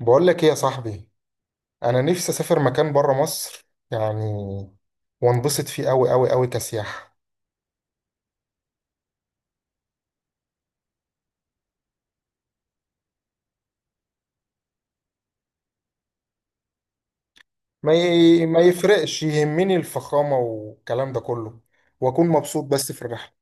بقول لك ايه يا صاحبي. انا نفسي اسافر مكان بره مصر، يعني وانبسط فيه قوي قوي قوي كسياحة. ما يفرقش، يهمني الفخامة والكلام ده كله، واكون مبسوط بس في الرحلة.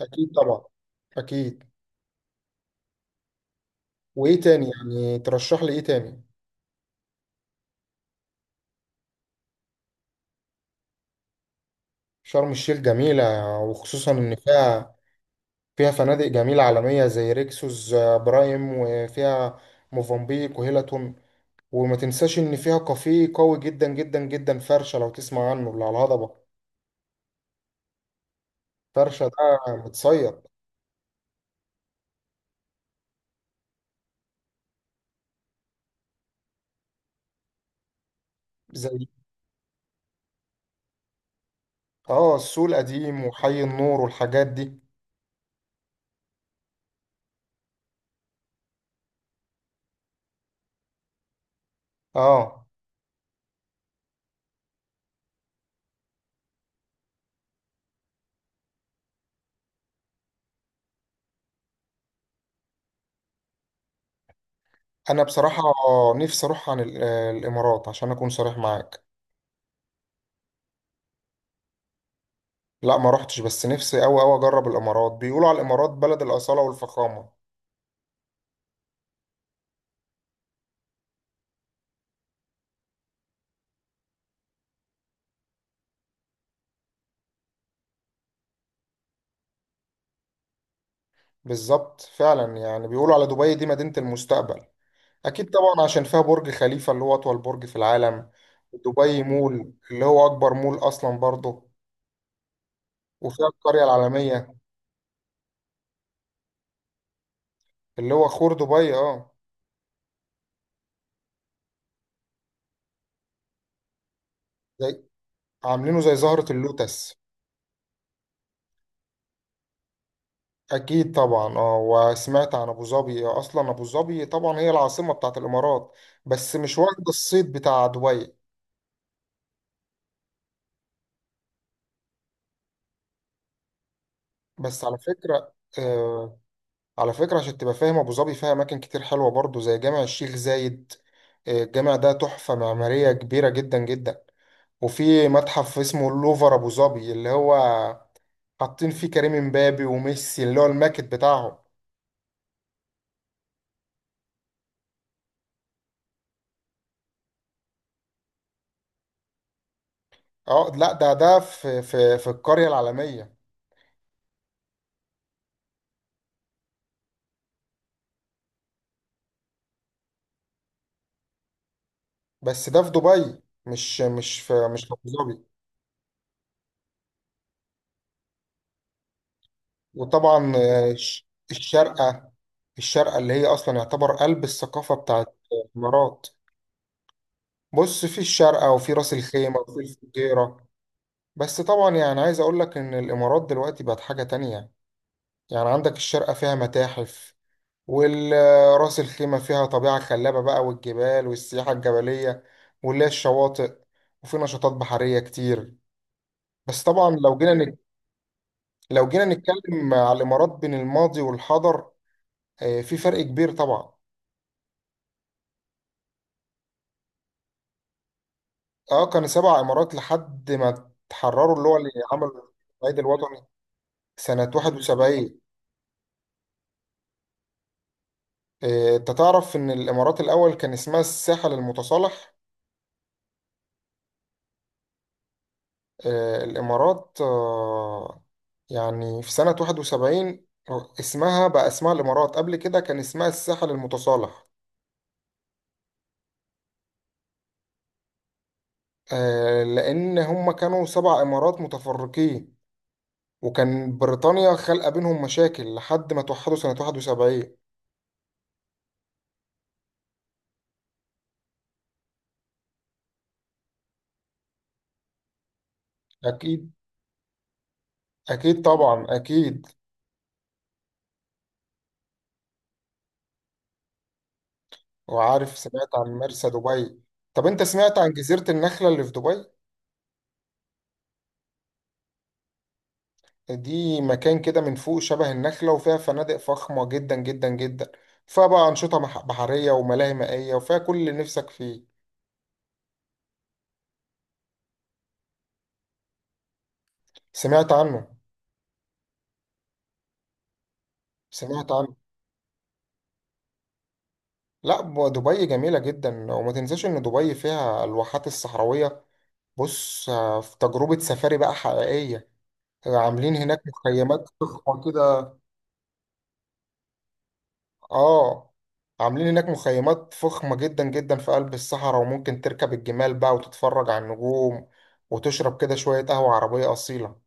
اكيد طبعا اكيد. وايه تاني يعني؟ ترشح لي ايه تاني؟ شرم الشيخ جميلة، وخصوصا ان فيها فنادق جميلة عالمية زي ريكسوس، برايم، وفيها موفنبيك وهيلتون. وما تنساش ان فيها كافيه قوي جدا جدا جدا، فرشه، لو تسمع عنه، اللي على الهضبه. فرشه ده متصيد. زي اه السوق القديم وحي النور والحاجات دي. اه، انا بصراحه نفسي اروح عن الامارات عشان اكون صريح معاك. لا ما رحتش، بس نفسي قوي قوي اجرب الامارات. بيقولوا على الامارات بلد الاصاله والفخامه. بالظبط فعلا، يعني بيقولوا على دبي دي مدينه المستقبل. أكيد طبعا، عشان فيها برج خليفة اللي هو أطول برج في العالم. دبي مول اللي هو أكبر مول أصلا برضه. وفيها القرية العالمية، اللي هو خور دبي، اه. زي عاملينه زي زهرة اللوتس. أكيد طبعا، اه. وسمعت عن أبو ظبي، أصلا أبو ظبي طبعا هي العاصمة بتاعت الإمارات، بس مش واخدة الصيت بتاع دبي. بس على فكرة، آه على فكرة عشان تبقى فاهم، أبو ظبي فيها أماكن كتير حلوة برضه زي جامع الشيخ زايد. الجامع ده تحفة معمارية كبيرة جدا جدا. وفي متحف اسمه اللوفر ابو ظبي، اللي هو حاطين فيه كريم امبابي وميسي، اللي هو الماكت بتاعهم. اه لا، ده في القرية العالمية. بس ده في دبي، مش في ابو ظبي. وطبعا الشارقة اللي هي اصلا يعتبر قلب الثقافة بتاعت الامارات. بص، في الشارقة وفي راس الخيمة وفي الفجيرة. بس طبعا، يعني عايز اقول لك ان الامارات دلوقتي بقت حاجة تانية. يعني عندك الشارقة فيها متاحف، والراس الخيمة فيها طبيعة خلابة بقى، والجبال والسياحة الجبلية، واللي هي الشواطئ، وفي نشاطات بحرية كتير. بس طبعا لو جينا نتكلم على الإمارات بين الماضي والحاضر، في فرق كبير طبعا. اه، كان سبع إمارات لحد ما تحرروا، اللي هو اللي عمل العيد الوطني سنة 71. انت تعرف ان الامارات الاول كان اسمها الساحل المتصالح. آه، الإمارات آه، يعني في سنة 71 اسمها بقى اسمها الإمارات، قبل كده كان اسمها الساحل المتصالح. لأن هم كانوا سبع إمارات متفرقين، وكان بريطانيا خلق بينهم مشاكل لحد ما توحدوا سنة 71. أكيد أكيد طبعا أكيد. وعارف، سمعت عن مرسى دبي. طب أنت سمعت عن جزيرة النخلة اللي في دبي؟ دي مكان كده من فوق شبه النخلة، وفيها فنادق فخمة جدا جدا جدا، فيها بقى أنشطة بحرية وملاهي مائية، وفيها كل اللي نفسك فيه. سمعت عنه. سمعت عنه. لا، دبي جميلة جدا، وما تنساش إن دبي فيها الواحات الصحراوية. بص، في تجربة سفاري بقى حقيقية. عاملين هناك مخيمات فخمة كده. آه. عاملين هناك مخيمات فخمة جدا جدا في قلب الصحراء، وممكن تركب الجمال بقى وتتفرج على النجوم، وتشرب كده شوية قهوة عربية أصيلة.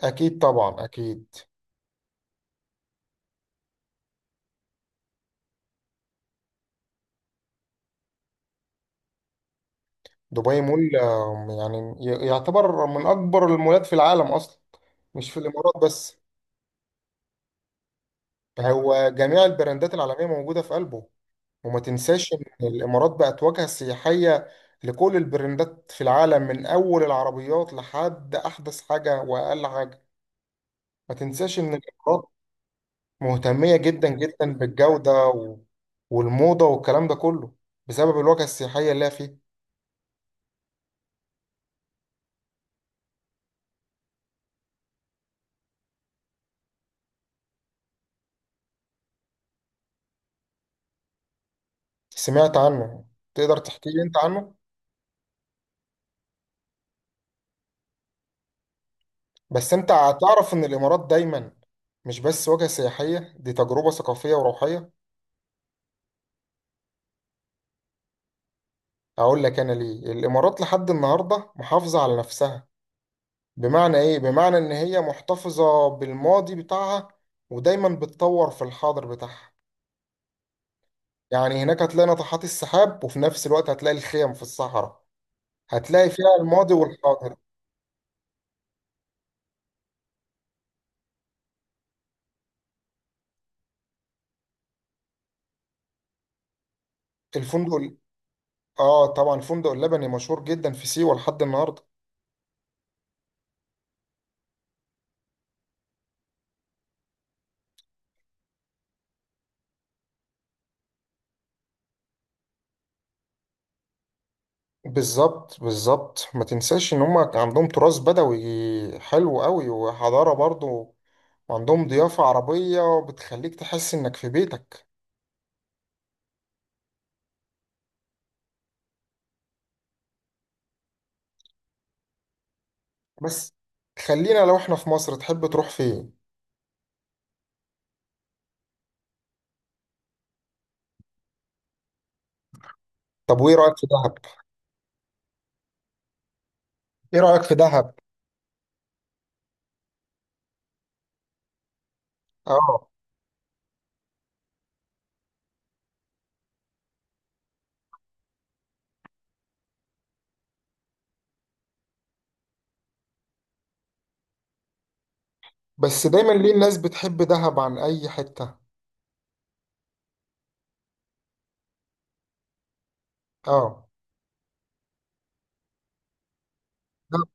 أكيد طبعا أكيد. دبي مول، يعني يعتبر من أكبر المولات في العالم أصلا، مش في الإمارات بس. هو جميع البراندات العالمية موجودة في قلبه. وما تنساش إن الإمارات بقت واجهة سياحية لكل البراندات في العالم، من أول العربيات لحد أحدث حاجة وأقل حاجة. ما تنساش إن الإمارات مهتمية جدا جدا بالجودة والموضة والكلام ده كله بسبب الواجهة السياحية اللي هي فيه. سمعت عنه. تقدر تحكي لي أنت عنه؟ بس انت هتعرف ان الامارات دايما مش بس وجهة سياحية، دي تجربة ثقافية وروحية. اقول لك انا ليه الامارات لحد النهاردة محافظة على نفسها. بمعنى ايه؟ بمعنى ان هي محتفظة بالماضي بتاعها، ودايما بتطور في الحاضر بتاعها. يعني هناك هتلاقي ناطحات السحاب، وفي نفس الوقت هتلاقي الخيم في الصحراء. هتلاقي فيها الماضي والحاضر. الفندق ال- اه طبعا، الفندق اللبني مشهور جدا في سيوة لحد النهاردة. بالظبط بالظبط، ما تنساش ان هم عندهم تراث بدوي حلو قوي وحضارة برضو. وعندهم ضيافة عربية بتخليك تحس انك في بيتك. بس خلينا، لو احنا في مصر تحب تروح فين؟ طب وايه رأيك في دهب؟ ايه رأيك في دهب؟ اه. بس دايما ليه الناس بتحب دهب عن اي حتة؟ اه، دهب.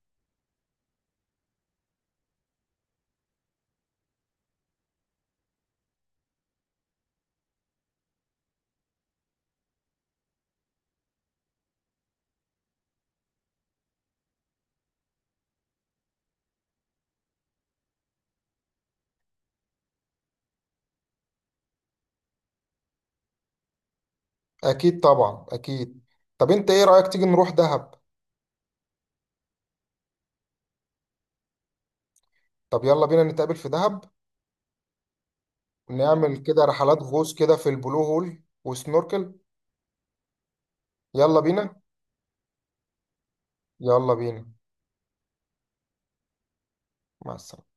اكيد طبعا اكيد. طب انت ايه رأيك تيجي نروح دهب؟ طب يلا بينا نتقابل في دهب، ونعمل كده رحلات غوص كده في البلو هول وسنوركل. يلا بينا. يلا بينا. مع السلامة.